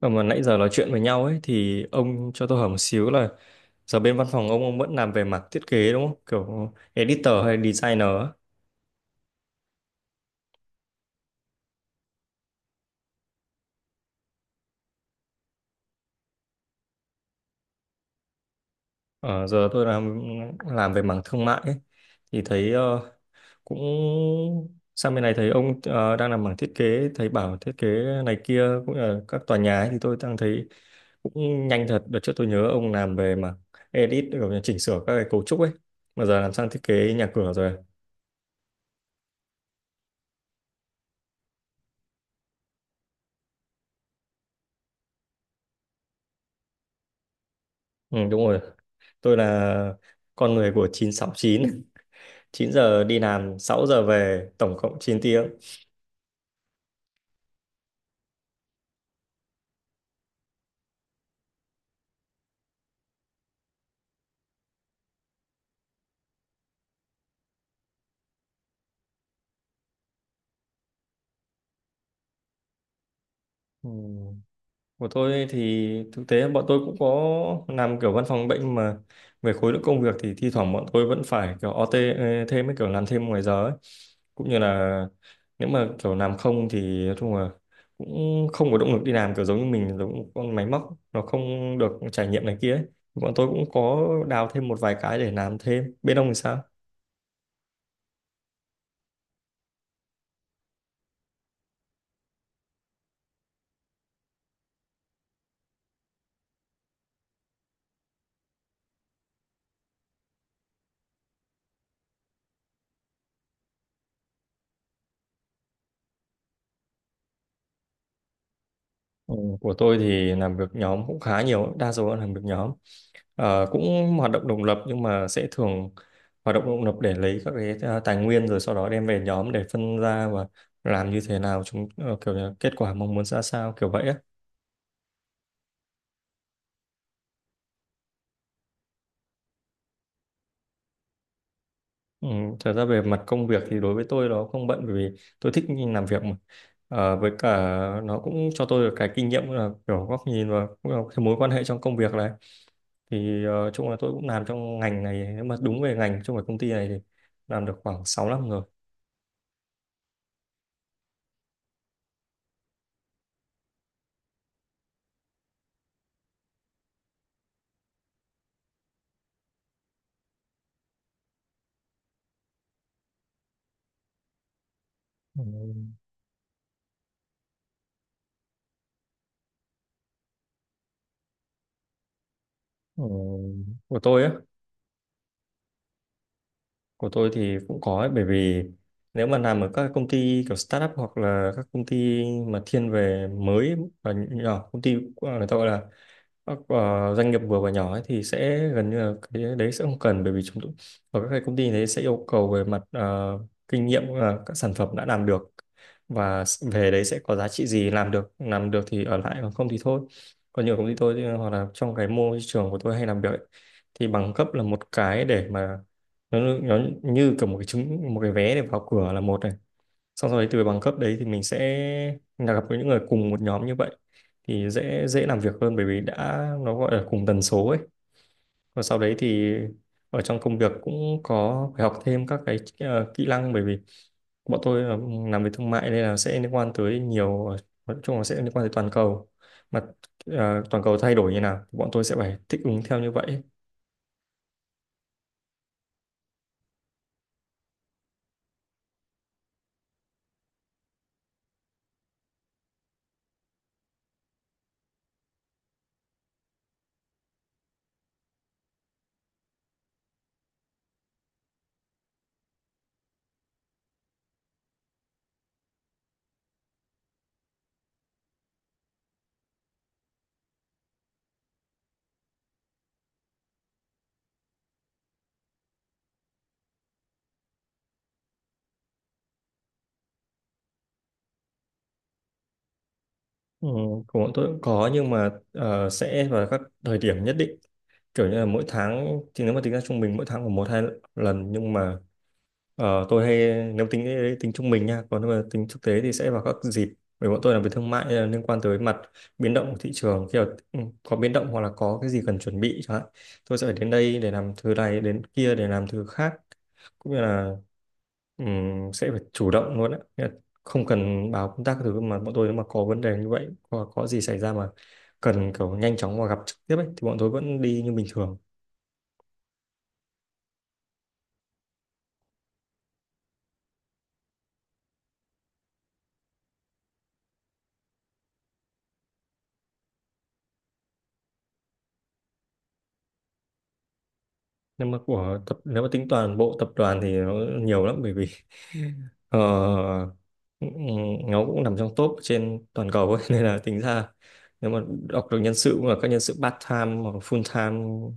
Và mà nãy giờ nói chuyện với nhau ấy thì ông cho tôi hỏi một xíu là giờ bên văn phòng ông vẫn làm về mặt thiết kế đúng không? Kiểu editor hay designer á. Ờ, giờ tôi làm về mảng thương mại ấy thì thấy cũng sang bên này thấy ông đang làm mảng thiết kế, thấy bảo thiết kế này kia cũng là các tòa nhà ấy, thì tôi đang thấy cũng nhanh thật. Đợt trước tôi nhớ ông làm về mảng edit, kiểu như chỉnh sửa các cái cấu trúc ấy, mà giờ làm sang thiết kế nhà cửa rồi. Ừ, đúng rồi. Tôi là con người của 9-6-9 9 giờ đi làm, 6 giờ về, tổng cộng 9 tiếng. Ừ. Của tôi thì thực tế bọn tôi cũng có làm kiểu văn phòng bệnh, mà về khối lượng công việc thì thi thoảng bọn tôi vẫn phải kiểu OT thêm ấy, kiểu làm thêm ngoài giờ ấy. Cũng như là nếu mà kiểu làm không thì nói chung là cũng không có động lực đi làm, kiểu giống như mình giống một con máy móc, nó không được trải nghiệm này kia ấy. Bọn tôi cũng có đào thêm một vài cái để làm thêm. Bên ông thì sao? Ừ, của tôi thì làm việc nhóm cũng khá nhiều, đa số là làm việc nhóm. Ờ, cũng hoạt động độc lập nhưng mà sẽ thường hoạt động độc lập để lấy các cái tài nguyên, rồi sau đó đem về nhóm để phân ra và làm như thế nào, chúng kiểu như là kết quả mong muốn ra sao, kiểu vậy á. Ừ, thật ra về mặt công việc thì đối với tôi nó không bận, bởi vì tôi thích làm việc mà. Ờ, với cả nó cũng cho tôi được cái kinh nghiệm là kiểu góc nhìn và cũng là cái mối quan hệ trong công việc này, thì chung là tôi cũng làm trong ngành này, nếu mà đúng về ngành trong cái công ty này thì làm được khoảng 6 năm rồi. Ừ, ừ, của tôi á của tôi thì cũng có ấy, bởi vì nếu mà làm ở các công ty kiểu startup hoặc là các công ty mà thiên về mới và nhỏ, công ty người ta gọi là các doanh nghiệp vừa và nhỏ ấy, thì sẽ gần như là cái đấy sẽ không cần, bởi vì chúng tôi ở các cái công ty đấy sẽ yêu cầu về mặt kinh nghiệm, các sản phẩm đã làm được và về đấy sẽ có giá trị gì, làm được thì ở lại, còn không thì thôi. Còn nhiều công ty tôi thì- hoặc là trong cái môi trường của tôi hay làm việc ấy, thì bằng cấp là một cái để mà nó như kiểu một cái vé để vào cửa là một này, xong sau đấy từ bằng cấp đấy thì mình sẽ là gặp với những người cùng một nhóm như vậy thì dễ dễ làm việc hơn, bởi vì đã, nó gọi là cùng tần số ấy. Và sau đấy thì ở trong công việc cũng có phải học thêm các cái kỹ năng, bởi vì bọn tôi là làm về thương mại nên là sẽ liên quan tới nhiều, nói chung là sẽ liên quan tới toàn cầu mà. Toàn cầu thay đổi như nào thì bọn tôi sẽ phải thích ứng theo như vậy. Ừ, của bọn tôi cũng có, nhưng mà sẽ vào các thời điểm nhất định, kiểu như là mỗi tháng thì nếu mà tính ra trung bình mỗi tháng khoảng một hai lần, nhưng mà tôi hay, nếu tính tính trung bình nha, còn nếu mà tính thực tế thì sẽ vào các dịp, bởi bọn tôi làm về thương mại nên là liên quan tới mặt biến động của thị trường. Khi mà có biến động hoặc là có cái gì cần chuẩn bị chẳng hạn, tôi sẽ phải đến đây để làm thứ này, đến kia để làm thứ khác, cũng như là sẽ phải chủ động luôn á. Nghĩa là không cần báo công tác các thứ, mà bọn tôi nếu mà có vấn đề như vậy, hoặc có gì xảy ra mà cần kiểu nhanh chóng và gặp trực tiếp ấy, thì bọn tôi vẫn đi như bình thường. Nhưng mà của tập, nếu mà tính toàn bộ tập đoàn thì nó nhiều lắm, bởi vì ờ, ừ, ừ, nó cũng nằm trong top trên toàn cầu ấy. Nên là tính ra, nếu mà đọc được nhân sự và các nhân sự part time hoặc full time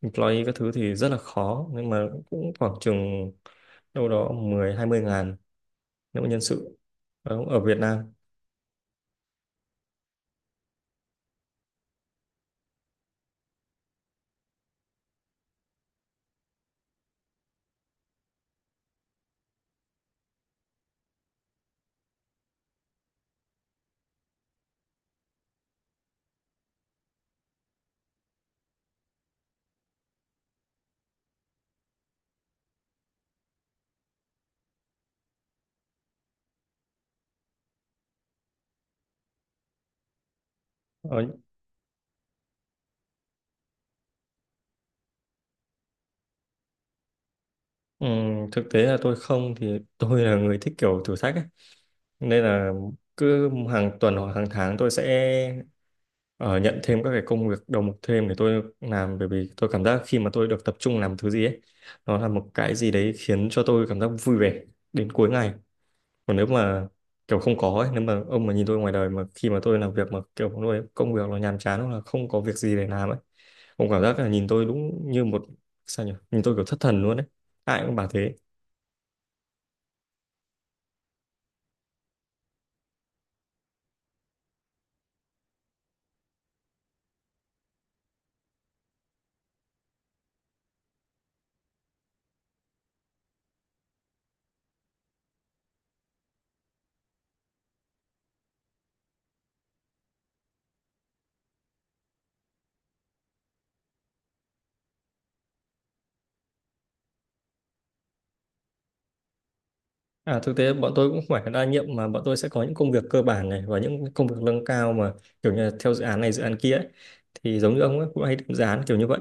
employee các thứ thì rất là khó, nhưng mà cũng khoảng chừng đâu đó mười hai mươi ngàn nếu mà nhân sự ở Việt Nam. ở, Thực tế là tôi không, thì tôi là người thích kiểu thử thách ấy, nên là cứ hàng tuần hoặc hàng tháng tôi sẽ nhận thêm các cái công việc đầu mục thêm để tôi làm, bởi vì tôi cảm giác khi mà tôi được tập trung làm thứ gì ấy, nó là một cái gì đấy khiến cho tôi cảm giác vui vẻ đến cuối ngày. Còn nếu mà kiểu không có ấy, nếu mà ông mà nhìn tôi ngoài đời mà khi mà tôi làm việc mà kiểu tôi công việc nó nhàm chán hoặc là không có việc gì để làm ấy, ông cảm giác là nhìn tôi đúng như một, sao nhỉ, nhìn tôi kiểu thất thần luôn ấy, ai cũng bảo thế. À, thực tế bọn tôi cũng không phải đa nhiệm, mà bọn tôi sẽ có những công việc cơ bản này và những công việc nâng cao, mà kiểu như là theo dự án này dự án kia ấy. Thì giống như ông ấy, cũng hay định dự án kiểu như vậy,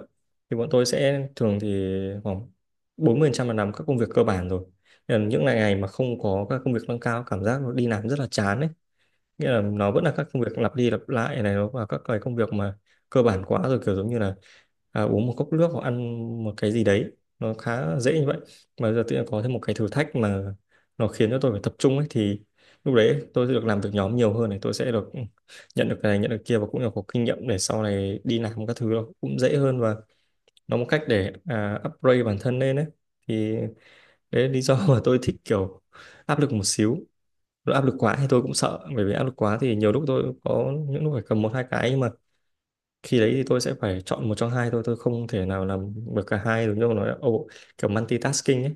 thì bọn tôi sẽ thường thì khoảng 40% là làm các công việc cơ bản rồi. Nên là những ngày ngày mà không có các công việc nâng cao, cảm giác nó đi làm rất là chán ấy, nghĩa là nó vẫn là các công việc lặp đi lặp lại này, nó và các cái công việc mà cơ bản quá rồi, kiểu giống như là uống một cốc nước hoặc ăn một cái gì đấy, nó khá dễ như vậy. Mà giờ tự nhiên có thêm một cái thử thách mà nó khiến cho tôi phải tập trung ấy, thì lúc đấy tôi sẽ được làm việc nhóm nhiều hơn này, tôi sẽ được nhận được cái này nhận được kia, và cũng là có kinh nghiệm để sau này đi làm các thứ nó cũng dễ hơn, và nó một cách để upgrade bản thân lên ấy. Thì đấy là lý do mà tôi thích kiểu áp lực một xíu. Lúc áp lực quá thì tôi cũng sợ, bởi vì áp lực quá thì nhiều lúc tôi có những lúc phải cầm một hai cái, nhưng mà khi đấy thì tôi sẽ phải chọn một trong hai thôi, tôi không thể nào làm được cả hai được, như ông nói kiểu multitasking ấy,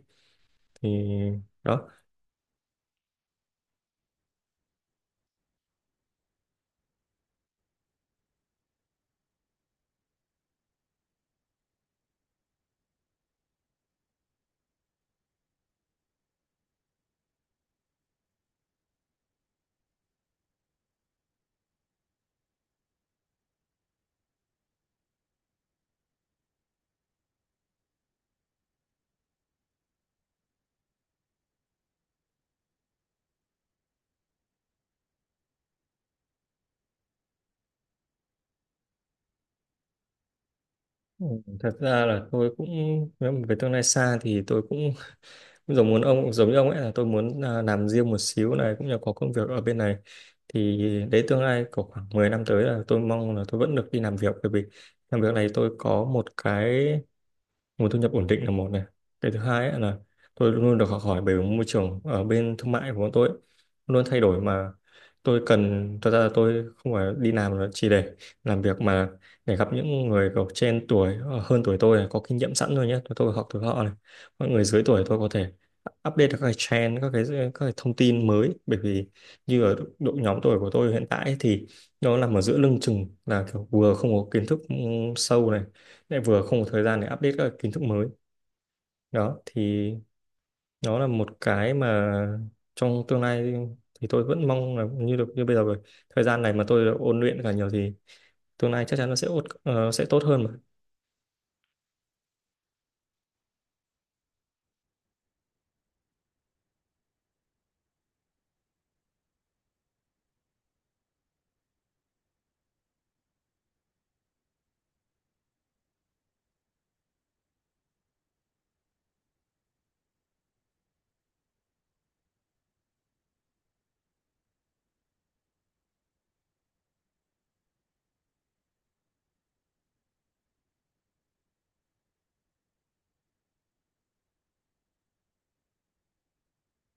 thì đó. Ừ, thật ra là tôi cũng, nếu mà về tương lai xa thì tôi cũng cũng giống muốn ông, giống như ông ấy là tôi muốn làm riêng một xíu này, cũng như có công việc ở bên này, thì đấy tương lai của khoảng 10 năm tới là tôi mong là tôi vẫn được đi làm việc, bởi vì làm việc này tôi có một cái nguồn thu nhập ổn định là một này, cái thứ hai ấy là tôi luôn luôn được học hỏi, bởi môi trường ở bên thương mại của bọn tôi ấy luôn thay đổi mà. Tôi cần, thật ra là tôi không phải đi làm là chỉ để làm việc, mà để gặp những người có trên tuổi, hơn tuổi tôi này, có kinh nghiệm sẵn rồi nhé, tôi học từ họ này. Mọi người dưới tuổi tôi có thể update được các cái trend, các cái thông tin mới, bởi vì như ở độ nhóm tuổi của tôi hiện tại ấy thì nó nằm ở giữa lưng chừng, là kiểu vừa không có kiến thức sâu này, lại vừa không có thời gian để update các kiến thức mới. Đó thì nó là một cái mà trong tương lai thì tôi vẫn mong là như được như bây giờ rồi. Thời gian này mà tôi được ôn luyện cả nhiều thì tương lai chắc chắn nó sẽ sẽ tốt hơn mà.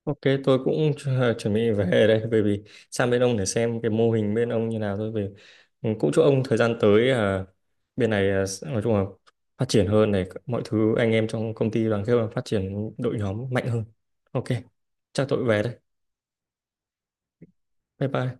Ok, tôi cũng chuẩn bị về đây, bởi vì sang bên ông để xem cái mô hình bên ông như nào thôi, về. Cũng chúc ông thời gian tới bên này, nói chung là phát triển hơn này, mọi thứ anh em trong công ty đoàn kết và phát triển đội nhóm mạnh hơn. Ok, chắc tôi về đây. Bye bye.